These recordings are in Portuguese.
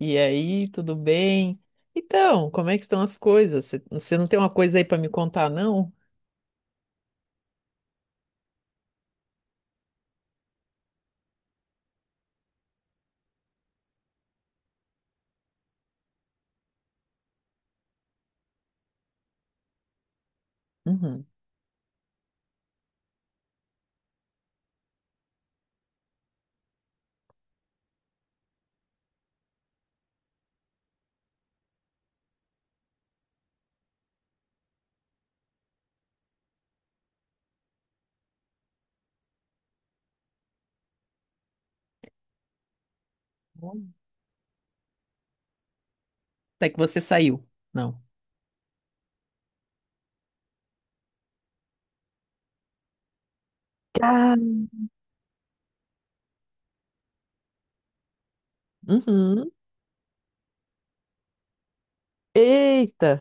E aí, tudo bem? Então, como é que estão as coisas? Você não tem uma coisa aí para me contar, não? Uhum. Até que você saiu. Não. Ah. Uhum. Eita!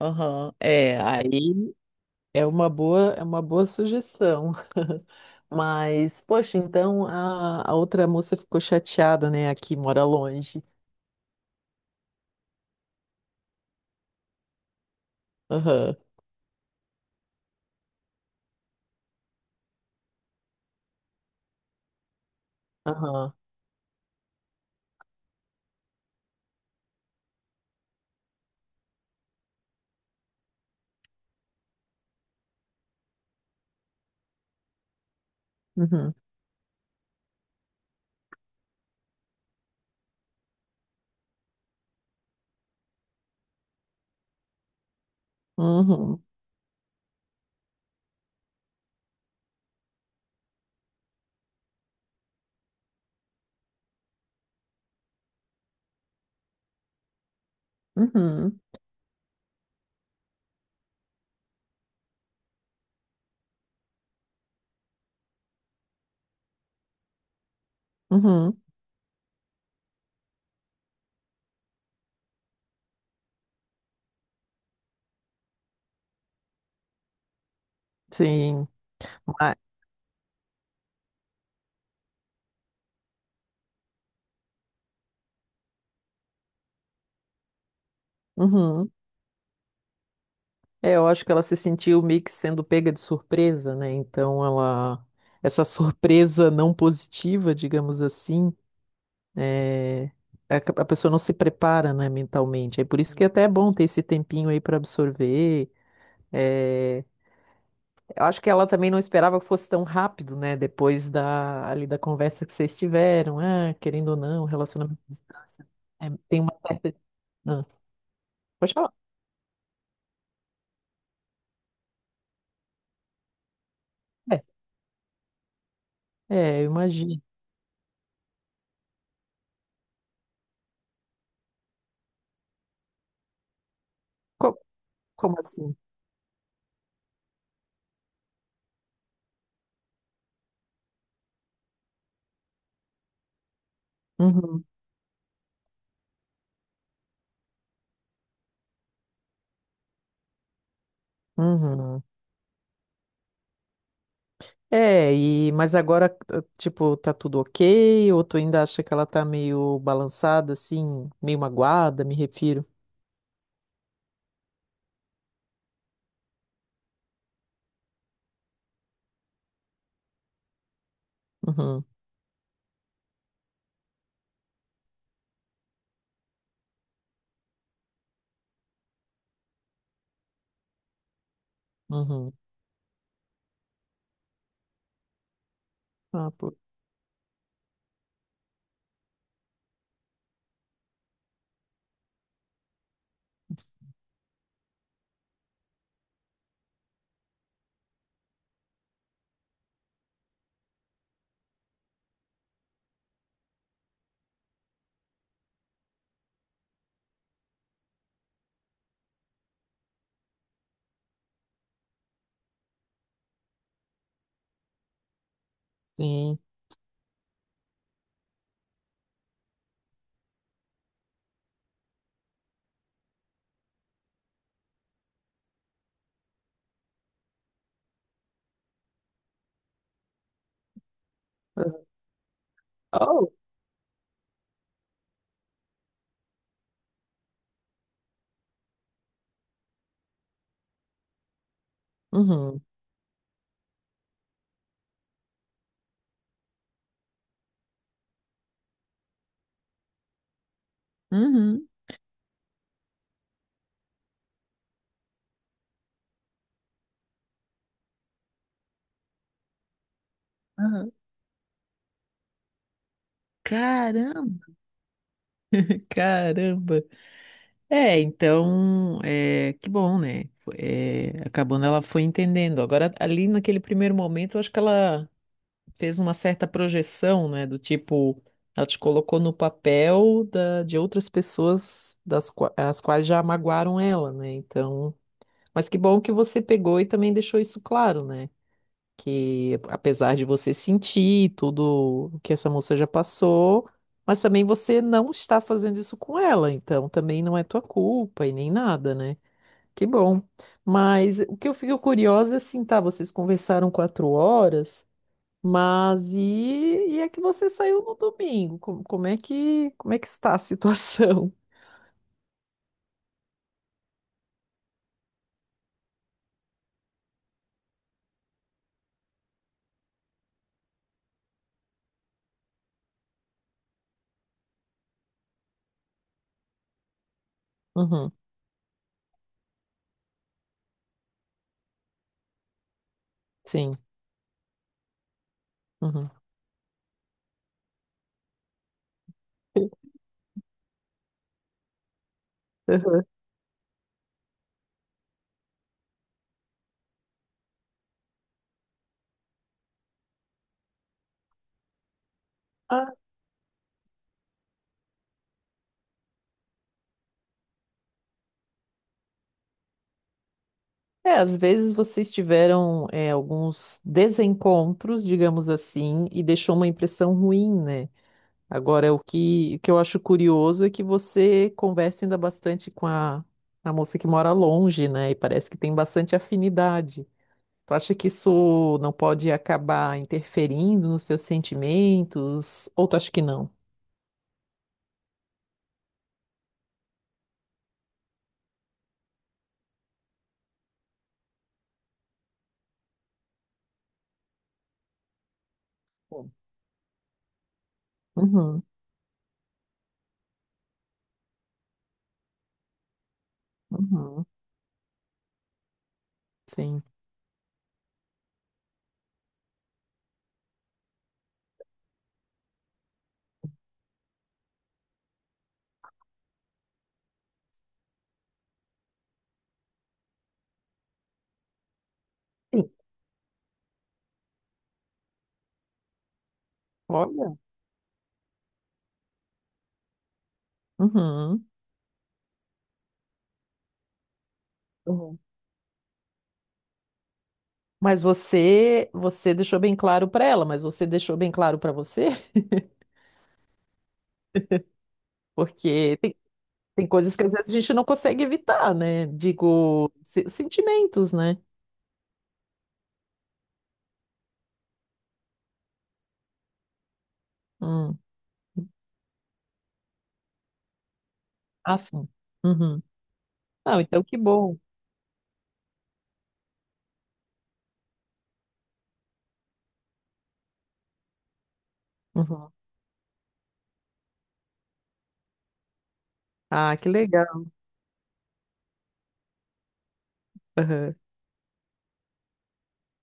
Aham. É, aí É uma boa, é uma boa sugestão. Mas, poxa, então a outra moça ficou chateada, né? Aqui mora longe. Aham. Aham. Uhum. Uhum. Uhum. Uhum. Sim. Mas- Uhum. É, eu acho que ela se sentiu meio que sendo pega de surpresa, né? Essa surpresa não positiva, digamos assim, é, a, a pessoa não se prepara, né, mentalmente. É por isso que até é bom ter esse tempinho aí para absorver. É, eu acho que ela também não esperava que fosse tão rápido, né? Depois da ali da conversa que vocês tiveram, ah, querendo ou não, relacionamento à distância, é, tem uma certa, ah, pode falar. É, eu imagino. Co- Como, assim? Uhum, uhum. É, e mas agora, eh, tipo, tá tudo ok? Ou tu ainda acha que ela tá meio balançada, assim, meio magoada, me refiro? Uhum, uhum. Ah, pô, sim. Oh, uhum, uhum. Aham. Caramba, caramba. É, então, é, que bom, né? É, acabando, ela foi entendendo. Agora, ali naquele primeiro momento, eu acho que ela fez uma certa projeção, né? Do tipo, ela te colocou no papel da, de outras pessoas das, qua- as quais já magoaram ela, né? Então, mas que bom que você pegou e também deixou isso claro, né? Que apesar de você sentir tudo o que essa moça já passou, mas também você não está fazendo isso com ela, então também não é tua culpa e nem nada, né? Que bom. Mas o que eu fico curiosa é assim, tá? Vocês conversaram quatro horas. Mas e, e é que você saiu no domingo? Como, como é que está a situação? Uhum, sim. Uhum. Ah. É, às vezes vocês tiveram alguns desencontros, digamos assim, e deixou uma impressão ruim, né? Agora, o que eu acho curioso é que você conversa ainda bastante com a moça que mora longe, né? E parece que tem bastante afinidade. Tu acha que isso não pode acabar interferindo nos seus sentimentos? Ou tu acha que não? Bom, uhum, uhum, sim. Sim, olha. Uhum. Uhum. Mas você, você deixou bem claro para ela, mas você deixou bem claro para você? Porque tem, tem coisas que às vezes a gente não consegue evitar, né? Digo, se- sentimentos, né? Hum. Ah, sim. Uhum. Não, então que bom. Uhum. Ah, que legal. Aham.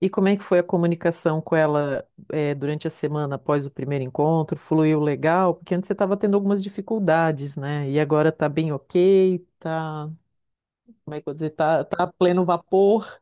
E como é que foi a comunicação com ela, eh, durante a semana após o primeiro encontro? Fluiu legal? Porque antes você estava tendo algumas dificuldades, né? E agora tá bem ok, tá, como é que eu vou dizer, tá, tá a pleno vapor.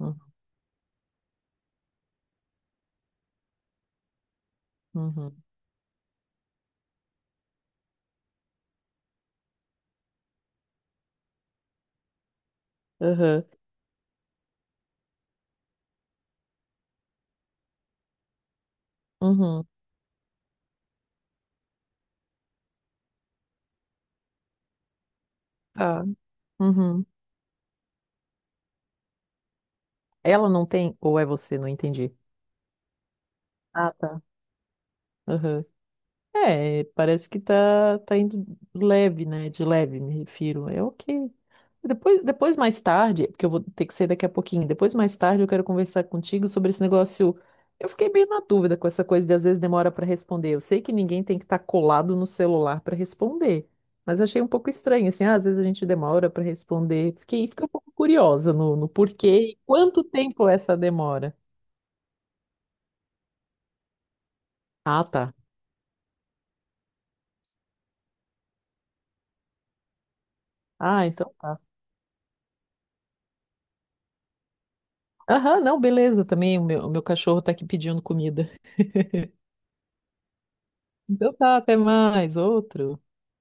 Uhum, uhum, aham, uhum, tá, uhum. Ela não tem, ou é você? Não entendi. Ah, tá. Aham. É, parece que tá, tá indo leve, né? De leve, me refiro. É ok. Depois, depois, mais tarde, porque eu vou ter que sair daqui a pouquinho, depois, mais tarde, eu quero conversar contigo sobre esse negócio. Eu fiquei bem na dúvida com essa coisa de às vezes demora para responder. Eu sei que ninguém tem que estar colado no celular para responder, mas eu achei um pouco estranho, assim, ah, às vezes a gente demora para responder. Fiquei um pouco curiosa no, no porquê e quanto tempo é essa demora. Ah, tá. Ah, então. Tá. Aham, não, beleza também. O meu cachorro tá aqui pedindo comida. Então tá, até mais. Outro.